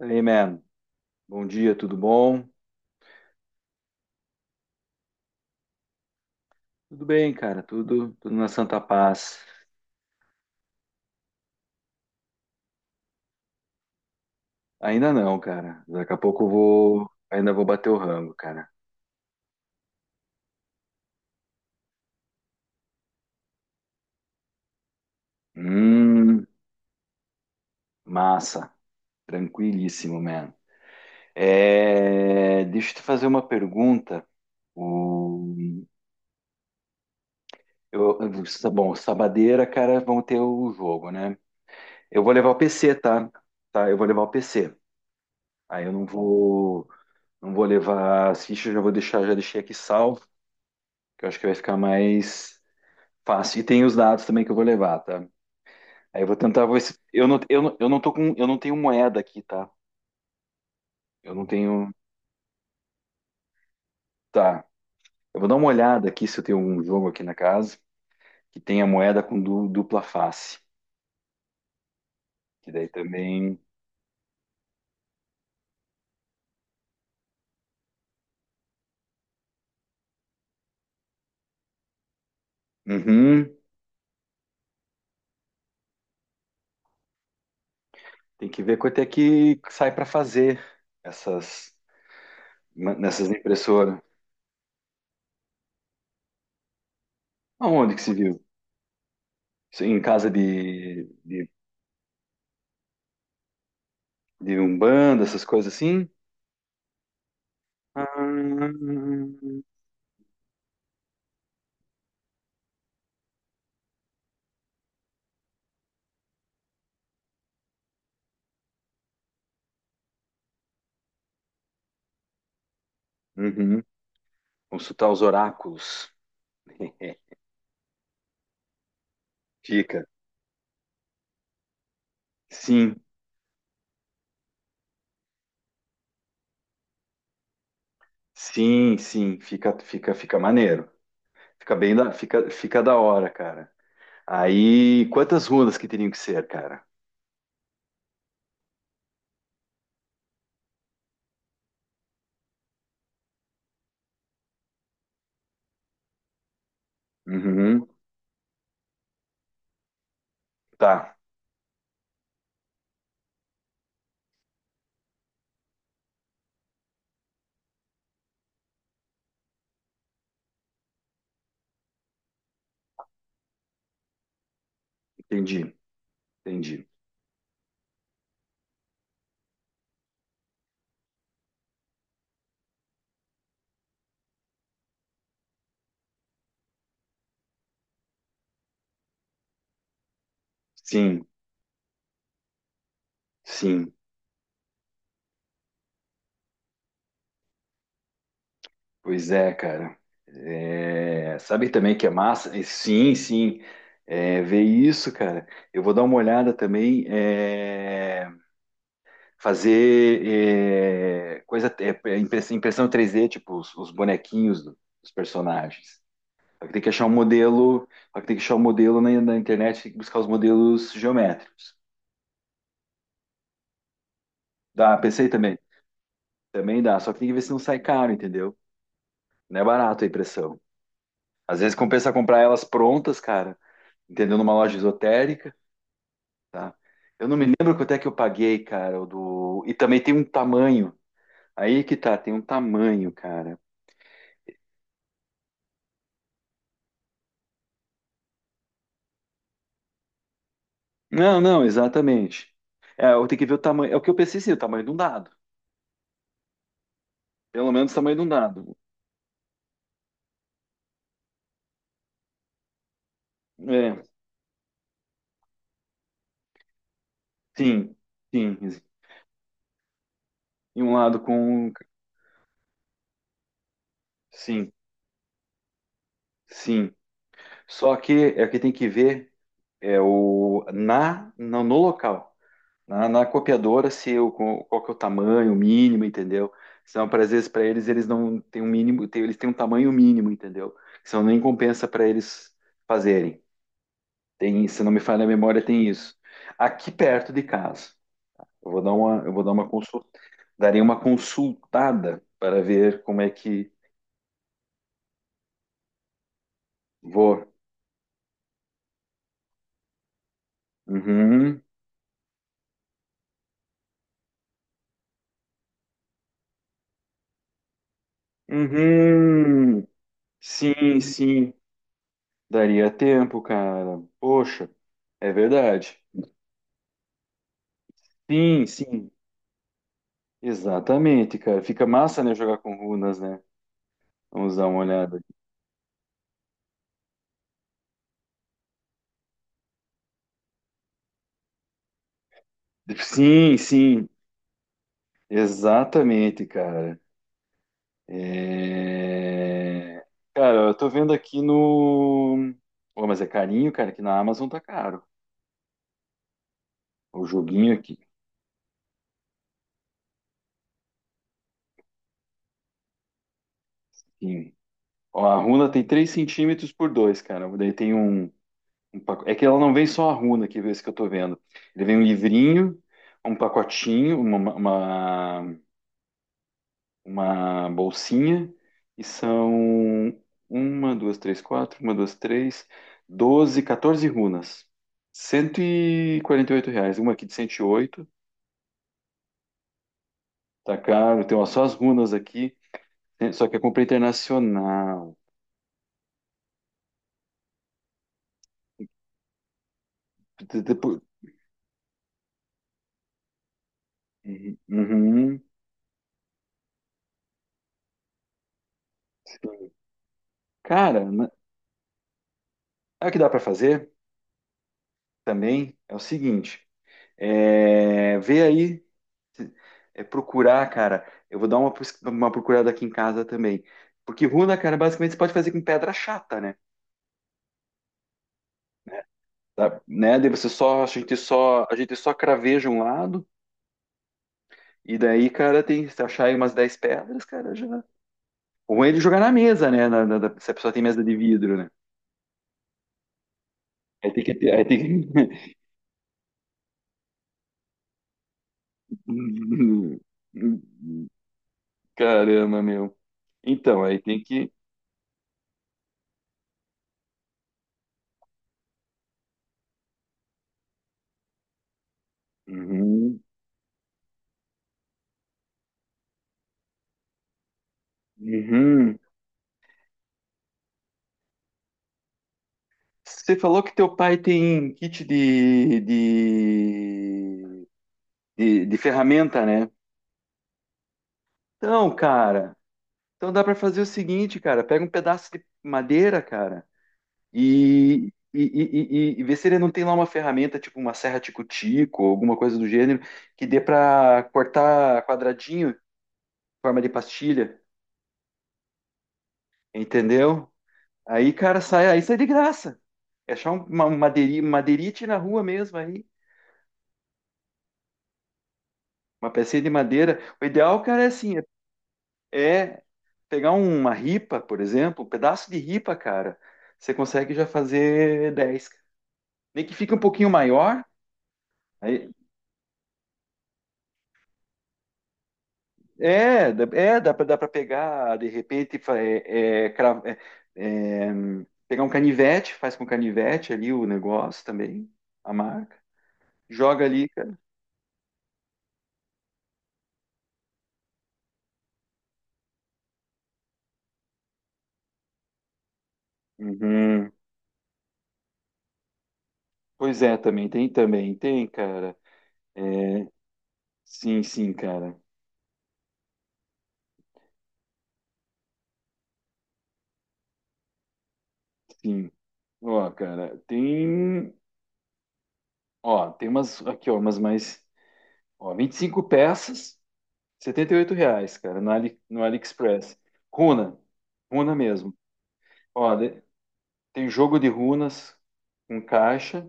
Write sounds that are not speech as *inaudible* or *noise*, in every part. Hey, man. Bom dia, tudo bom? Tudo bem, cara, tudo na santa paz. Ainda não, cara. Daqui a pouco eu vou, ainda vou bater o rango, cara. Hum, massa. Tranquilíssimo, man. É, deixa eu te fazer uma pergunta. O, eu, tá bom, sabadeira, cara, vão ter o jogo, né? Eu vou levar o PC, tá? Tá, eu vou levar o PC. Aí eu não vou, não vou levar as fichas, já vou deixar, já deixei aqui salvo, que eu acho que vai ficar mais. Faço. E tem os dados também que eu vou levar, tá? Aí eu vou tentar vou se. Eu não, eu não, eu não tô com. Eu não tenho moeda aqui, tá? Eu não tenho. Tá. Eu vou dar uma olhada aqui se eu tenho um jogo aqui na casa que tenha moeda com dupla face. Que daí também. Uhum. Tem que ver quanto é que sai para fazer essas nessas impressoras. Aonde que se viu? Isso. Em casa de, de Umbanda, essas coisas assim? Ah, uhum. Consultar os oráculos. Dica. Sim, sim, sim, fica maneiro. Fica da hora, cara. Aí, quantas rundas que teriam que ser, cara? Uhum, tá, entendi, entendi. Sim, sim, pois é, cara. É, sabe também que é massa? É, sim, sim, é, ver isso, cara. Eu vou dar uma olhada também, é, fazer, é, coisa, é, impressão 3D, tipo os bonequinhos dos personagens. Só que tem que achar um modelo, só que tem que achar um modelo na internet, tem que buscar os modelos geométricos. Dá, pensei também. Também dá, só que tem que ver se não sai caro, entendeu? Não é barato a impressão. Às vezes compensa comprar elas prontas, cara, entendeu? Numa loja esotérica, tá? Eu não me lembro quanto é que eu paguei, cara, o do. E também tem um tamanho. Aí que tá, tem um tamanho, cara. Não, não, exatamente. É, eu tenho que ver o tamanho. É o que eu pensei, sim, o tamanho de um dado. Pelo menos o tamanho de um dado. É, sim, sim, e um lado com. Um, sim, sim. Só que é o que tem que ver é o na no, no local, na copiadora, se eu co- qual que é o tamanho o mínimo, entendeu? São para às vezes para eles não têm um mínimo, eles têm um tamanho mínimo, entendeu? Senão nem compensa para eles fazerem. Tem, se não me falha a memória, tem isso. Aqui perto de casa, eu vou dar uma consulta, daria uma consultada para ver como é que vou. Uhum. Uhum. Sim, sim. Daria tempo, cara. Poxa, é verdade. Sim, sim. Exatamente, cara. Fica massa, né, jogar com runas, né? Vamos dar uma olhada aqui. Sim, sim. Exatamente, cara. É. Cara, eu tô vendo aqui no. Pô, mas é carinho, cara, que na Amazon tá caro. O joguinho aqui. Sim. Ó, a runa tem 3 cm por 2, cara. Daí tem um. É que ela não vem só a runa, que é esse que eu tô vendo. Ele vem um livrinho, um pacotinho, uma bolsinha, e são uma, duas, três, quatro, uma, duas, três, doze, 14 runas. R$ 148. Uma aqui de 108, tá caro. Tem, ó, só as runas aqui, né, só que eu comprei internacional. De- depo- Uhum, uhum, sim. Cara, né, sabe o que dá para fazer também? É o seguinte. É, vê aí, é, procurar, cara. Eu vou dar uma, pus- uma procurada aqui em casa também. Porque runa, cara, basicamente você pode fazer com pedra chata, né? Tá? Né? A gente só craveja um lado, e daí, cara, tem, se achar aí umas 10 pedras, cara, já. O ruim é de jogar na mesa, né? Se a pessoa tem mesa de vidro, né? Aí tem que ter, aí tem que. *laughs* Caramba, meu. Então, aí tem que. Uhum, uhum. Você falou que teu pai tem kit de ferramenta, né? Então, cara, então dá para fazer o seguinte, cara, pega um pedaço de madeira, cara, e vê se ele não tem lá uma ferramenta, tipo uma serra tico-tico, ou alguma coisa do gênero, que dê para cortar quadradinho, forma de pastilha, entendeu? Aí, cara, aí sai de graça. É achar uma, madeirite na rua mesmo aí, uma pecinha de madeira. O ideal, cara, é assim, é pegar uma ripa, por exemplo, um pedaço de ripa, cara, você consegue já fazer 10. Nem que fique um pouquinho maior, aí- é, é, dá pra pegar, de repente, é, é, é, é, pegar um canivete, faz com canivete ali o negócio também, a marca, joga ali, cara. Uhum. Pois é, também tem, cara. Sim, sim, cara. Sim. Ó, cara, tem, ó, tem umas aqui, ó, umas mais. Ó, 25 peças, R$ 78, cara, no, Ali, no AliExpress. Runa, runa mesmo. Ó, tem jogo de runas com caixa,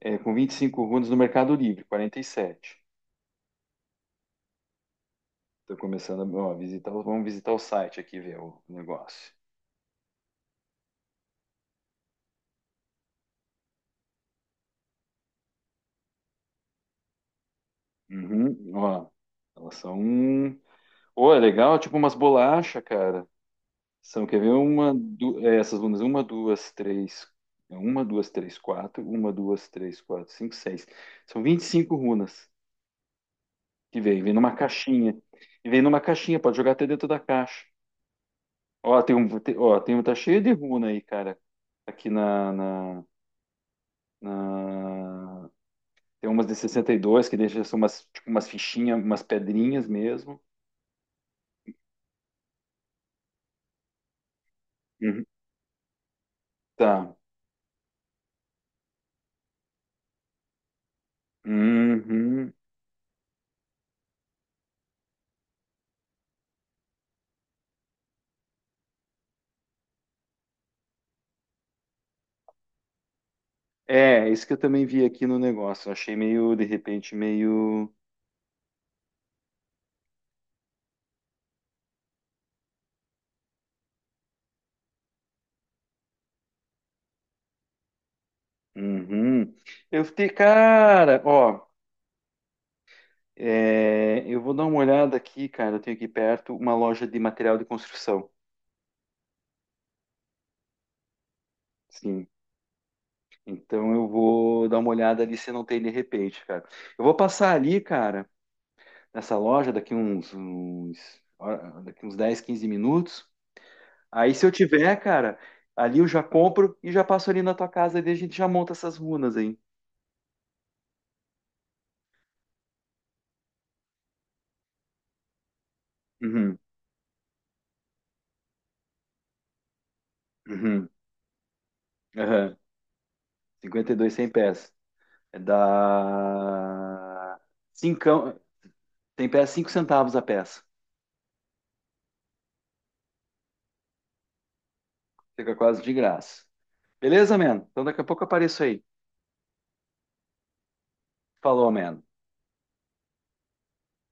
é, com 25 runas no Mercado Livre, 47. Estou começando a, ó, visitar, vamos visitar o site aqui, ver o negócio. Uhum, ó, elas são. Ô, é legal, tipo umas bolachas, cara. São, quer ver, uma, é, essas bundas, uma, duas, três, quatro, uma, duas, três, quatro, cinco, seis. São 25 runas que vem numa caixinha. E vem numa caixinha, pode jogar até dentro da caixa. Ó, tem um, ó, tem um, tá cheio de runa aí, cara. Aqui na, na, na- Tem umas de 62 que deixa, são umas, tipo, umas fichinhas, umas pedrinhas mesmo. Uhum. Tá. Uhum. É, isso que eu também vi aqui no negócio. Eu achei meio, de repente, meio. Uhum. Eu fiquei, cara, ó, é, eu vou dar uma olhada aqui, cara. Eu tenho aqui perto uma loja de material de construção. Sim. Então eu vou dar uma olhada ali se não tem de repente, cara. Eu vou passar ali, cara, nessa loja daqui daqui uns 10 15 minutos. Aí se eu tiver, cara, ali eu já compro e já passo ali na tua casa e a gente já monta essas runas aí. Uhum. Uhum. Aham. 52, 100 pés. É da. Cincão. Tem pé 5 centavos a peça. Fica quase de graça. Beleza, man? Então daqui a pouco eu apareço aí. Falou, man.